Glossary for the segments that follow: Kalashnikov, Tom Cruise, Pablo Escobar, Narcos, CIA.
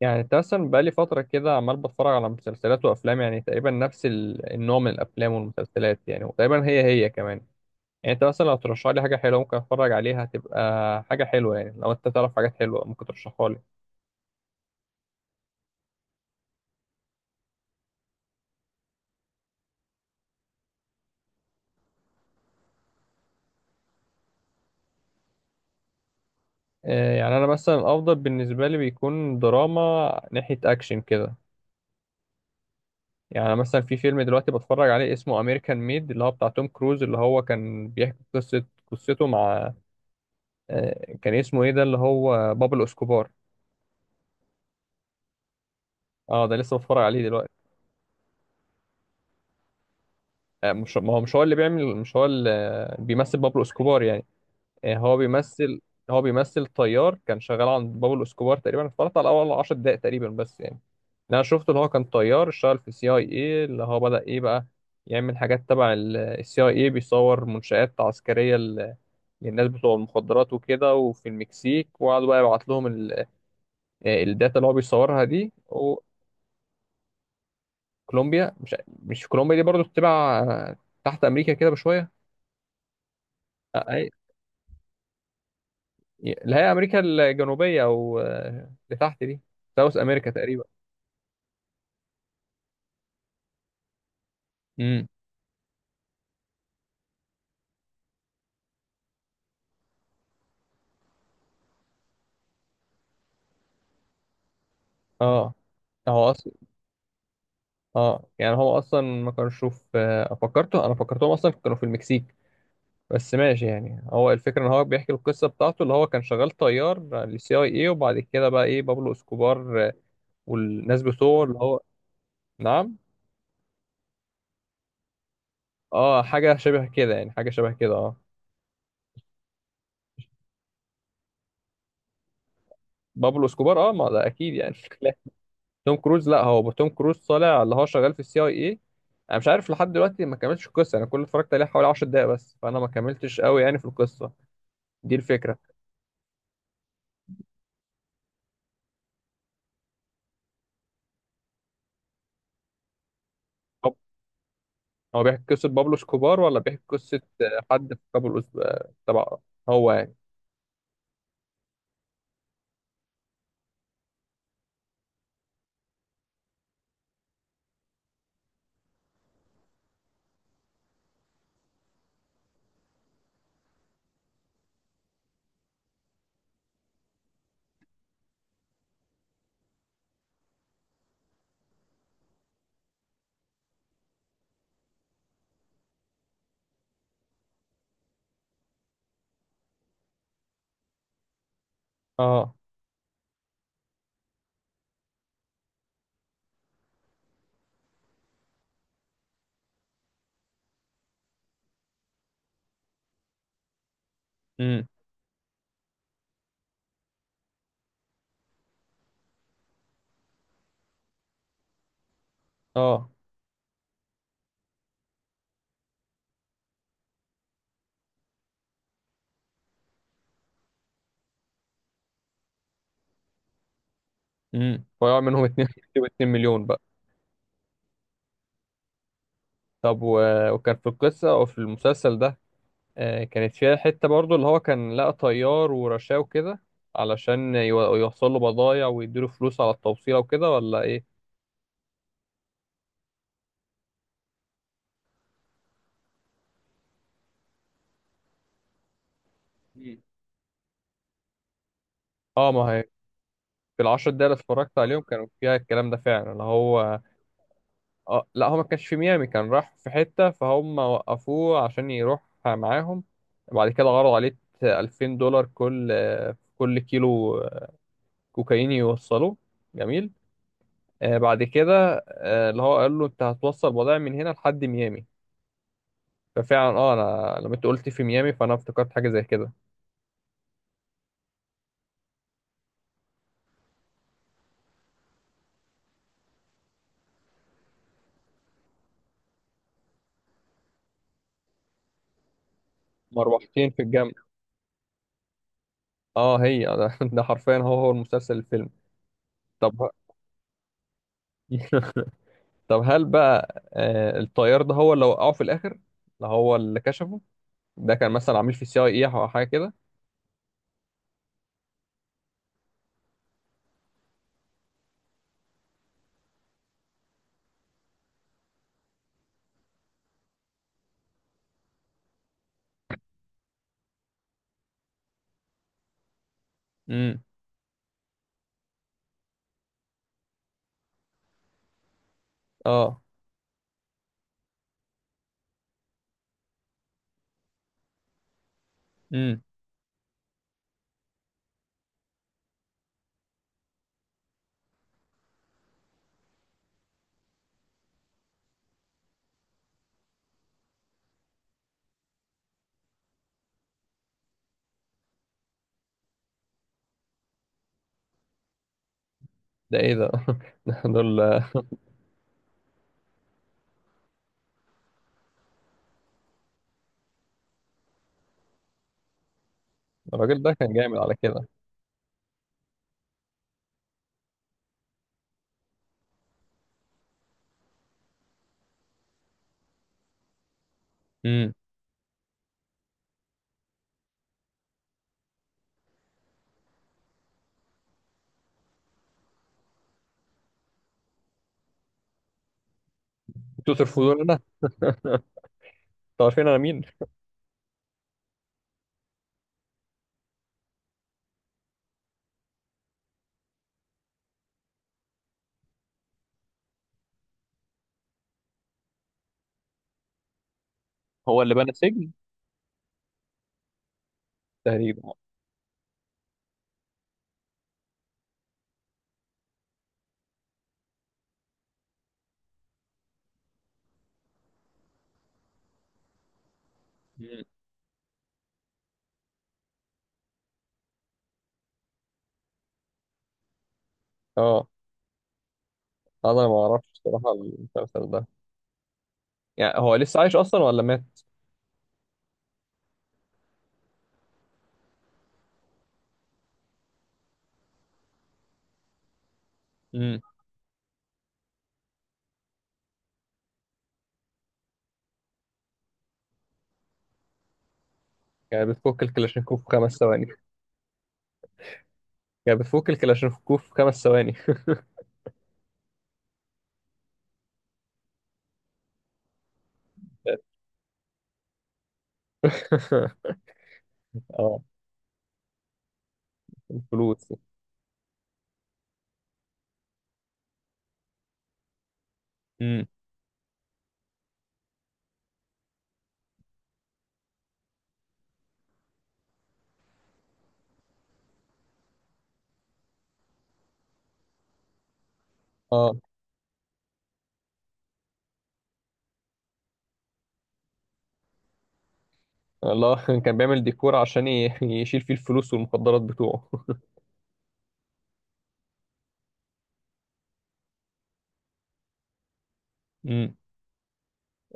يعني انت مثلا بقالي فترة كده عمال بتفرج على مسلسلات وأفلام، يعني تقريبا نفس النوع من الأفلام والمسلسلات، يعني وتقريبا هي هي كمان. يعني انت مثلا لو ترشح لي حاجة حلوة ممكن أتفرج عليها، هتبقى حاجة حلوة. يعني لو انت تعرف حاجات حلوة ممكن ترشحها لي. آه، يعني أنا مثلا الأفضل بالنسبة لي بيكون دراما ناحية أكشن كده. يعني مثلا في فيلم دلوقتي بتفرج عليه اسمه أمريكان ميد، اللي هو بتاع توم كروز، اللي هو كان بيحكي قصته مع كان اسمه ايه ده، اللي هو بابلو اسكوبار. اه، ده لسه بتفرج عليه دلوقتي. مش ما هو مش هو اللي بيعمل مش هو اللي بيمثل بابلو اسكوبار يعني. آه، هو بيمثل هو بيمثل طيار كان شغال عند بابلو اسكوبار. تقريبا اتفرجت على اول 10 دقائق تقريبا بس يعني. اللي انا شفته اللي هو كان طيار اشتغل في سي اي اي، اللي هو بدأ ايه بقى يعمل حاجات تبع السي اي اي، بيصور منشآت عسكرية للناس بتوع المخدرات وكده، وفي المكسيك، وقعدوا بقى يبعت لهم الداتا اللي هو بيصورها دي. وكولومبيا، مش كولومبيا دي برضو تبع تحت امريكا كده بشوية. اللي هي امريكا الجنوبيه، او اللي تحت دي، ساوث امريكا تقريبا. امم اه، هو اصلا هو اصلا ما كانش شوف، فكرته، انا فكرتهم اصلا كانوا في المكسيك. بس ماشي، يعني هو الفكره ان هو بيحكي القصه بتاعته، اللي هو كان شغال طيار للسي اي اي، وبعد كده بقى ايه بابلو اسكوبار والناس بتوعه اللي هو. نعم. اه، حاجه شبه كده يعني، حاجه شبه كده، اه. بابلو اسكوبار اه، ما ده اكيد يعني. توم كروز، لا هو توم كروز طالع اللي هو شغال في السي اي اي. انا مش عارف لحد دلوقتي، ما كملتش القصه، انا كل اللي اتفرجت عليه حوالي 10 دقايق بس، فانا ما كملتش قوي يعني في القصه دي الفكره. طب هو بيحكي قصه بابلو سكوبار، ولا بيحكي قصه حد في قبل تبع، هو يعني. اه. امم اه ويقع منهم 2. 2 مليون بقى. طب وكان في القصه وفي المسلسل ده، كانت فيها حتة برضو اللي هو كان لقى طيار ورشاه وكده، علشان يوصل له بضايع ويديله فلوس على التوصيلة وكده، ولا ايه؟ مم. اه ما هي، في العشر دقايق اللي اتفرجت عليهم كانوا فيها الكلام ده فعلا اللي هو. اه لا، هو ما كانش في ميامي، كان راح في حتة فهم وقفوه عشان يروح معاهم. بعد كده عرضوا عليه 2000 دولار، كل كيلو كوكايين يوصلوه. جميل. بعد كده اللي هو قال له انت هتوصل بضائع من هنا لحد ميامي. فعلا اه، انا لما انت قلت في ميامي فانا افتكرت حاجه زي كده. مروحتين في الجنب. اه هي ده، ده حرفيا هو المسلسل الفيلم. طب. طب هل بقى الطيار ده هو اللي وقعه في الاخر، اللي هو اللي كشفه، ده كان مثلا عميل في السي اي اي او حاجه كده؟ امم اه امم ده ايه ده، دول. الراجل ده كان جامد على كده. امم انتوا ترفضون انا، انتوا عارفين انا مين. هو اللي بنى السجن؟ تقريبا. مم. اه انا ما اعرفش الصراحه المسلسل ده. يعني هو لسه عايش اصلا ولا مات؟ امم يعني بتفك الكلاشينكوف في 5 ثواني. يعني بتفك الكلاشينكوف في خمس ثواني. اه، الفلوس. امم اه. الله. كان بيعمل ديكور عشان يشيل فيه الفلوس والمخدرات بتوعه. امم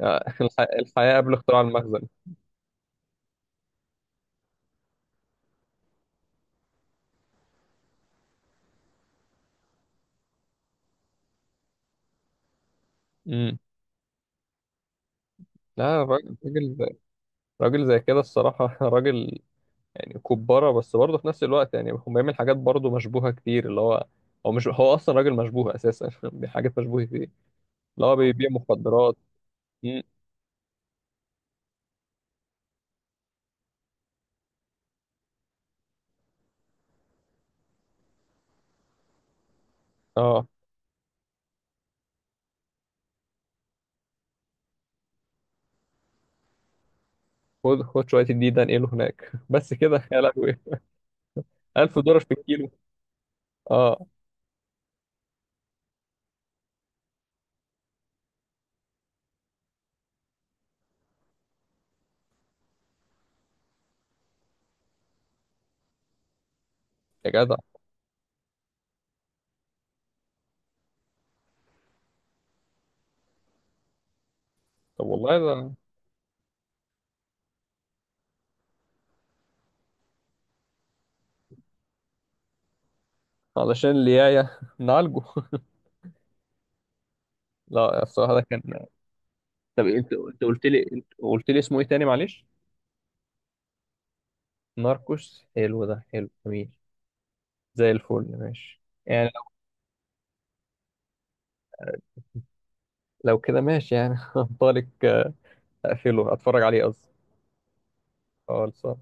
الحياة قبل اختراع المخزن. امم لا، راجل راجل. راجل زي كده الصراحة. راجل يعني كبارة، بس برضه في نفس الوقت يعني هو بيعمل حاجات برضه مشبوهة كتير اللي هو. هو مش هو أصلا راجل مشبوه أساسا. حاجات مشبوهة فيه، اللي هو بيبيع مخدرات. امم اه. خد خد شويه الدين ده انقله هناك، بس كده يا لهوي. 1000 دولار في الكيلو. اه يا جدع. طب والله، ده علشان اللي جايه نعالجه. لا الصراحه ده كان. طب انت قلت لي اسمه ايه تاني، معلش؟ ناركوس. حلو، ده حلو جميل، زي الفل، ماشي. يعني لو كده ماشي يعني، هنطلق. اقفله، اتفرج عليه قصدي. خالص.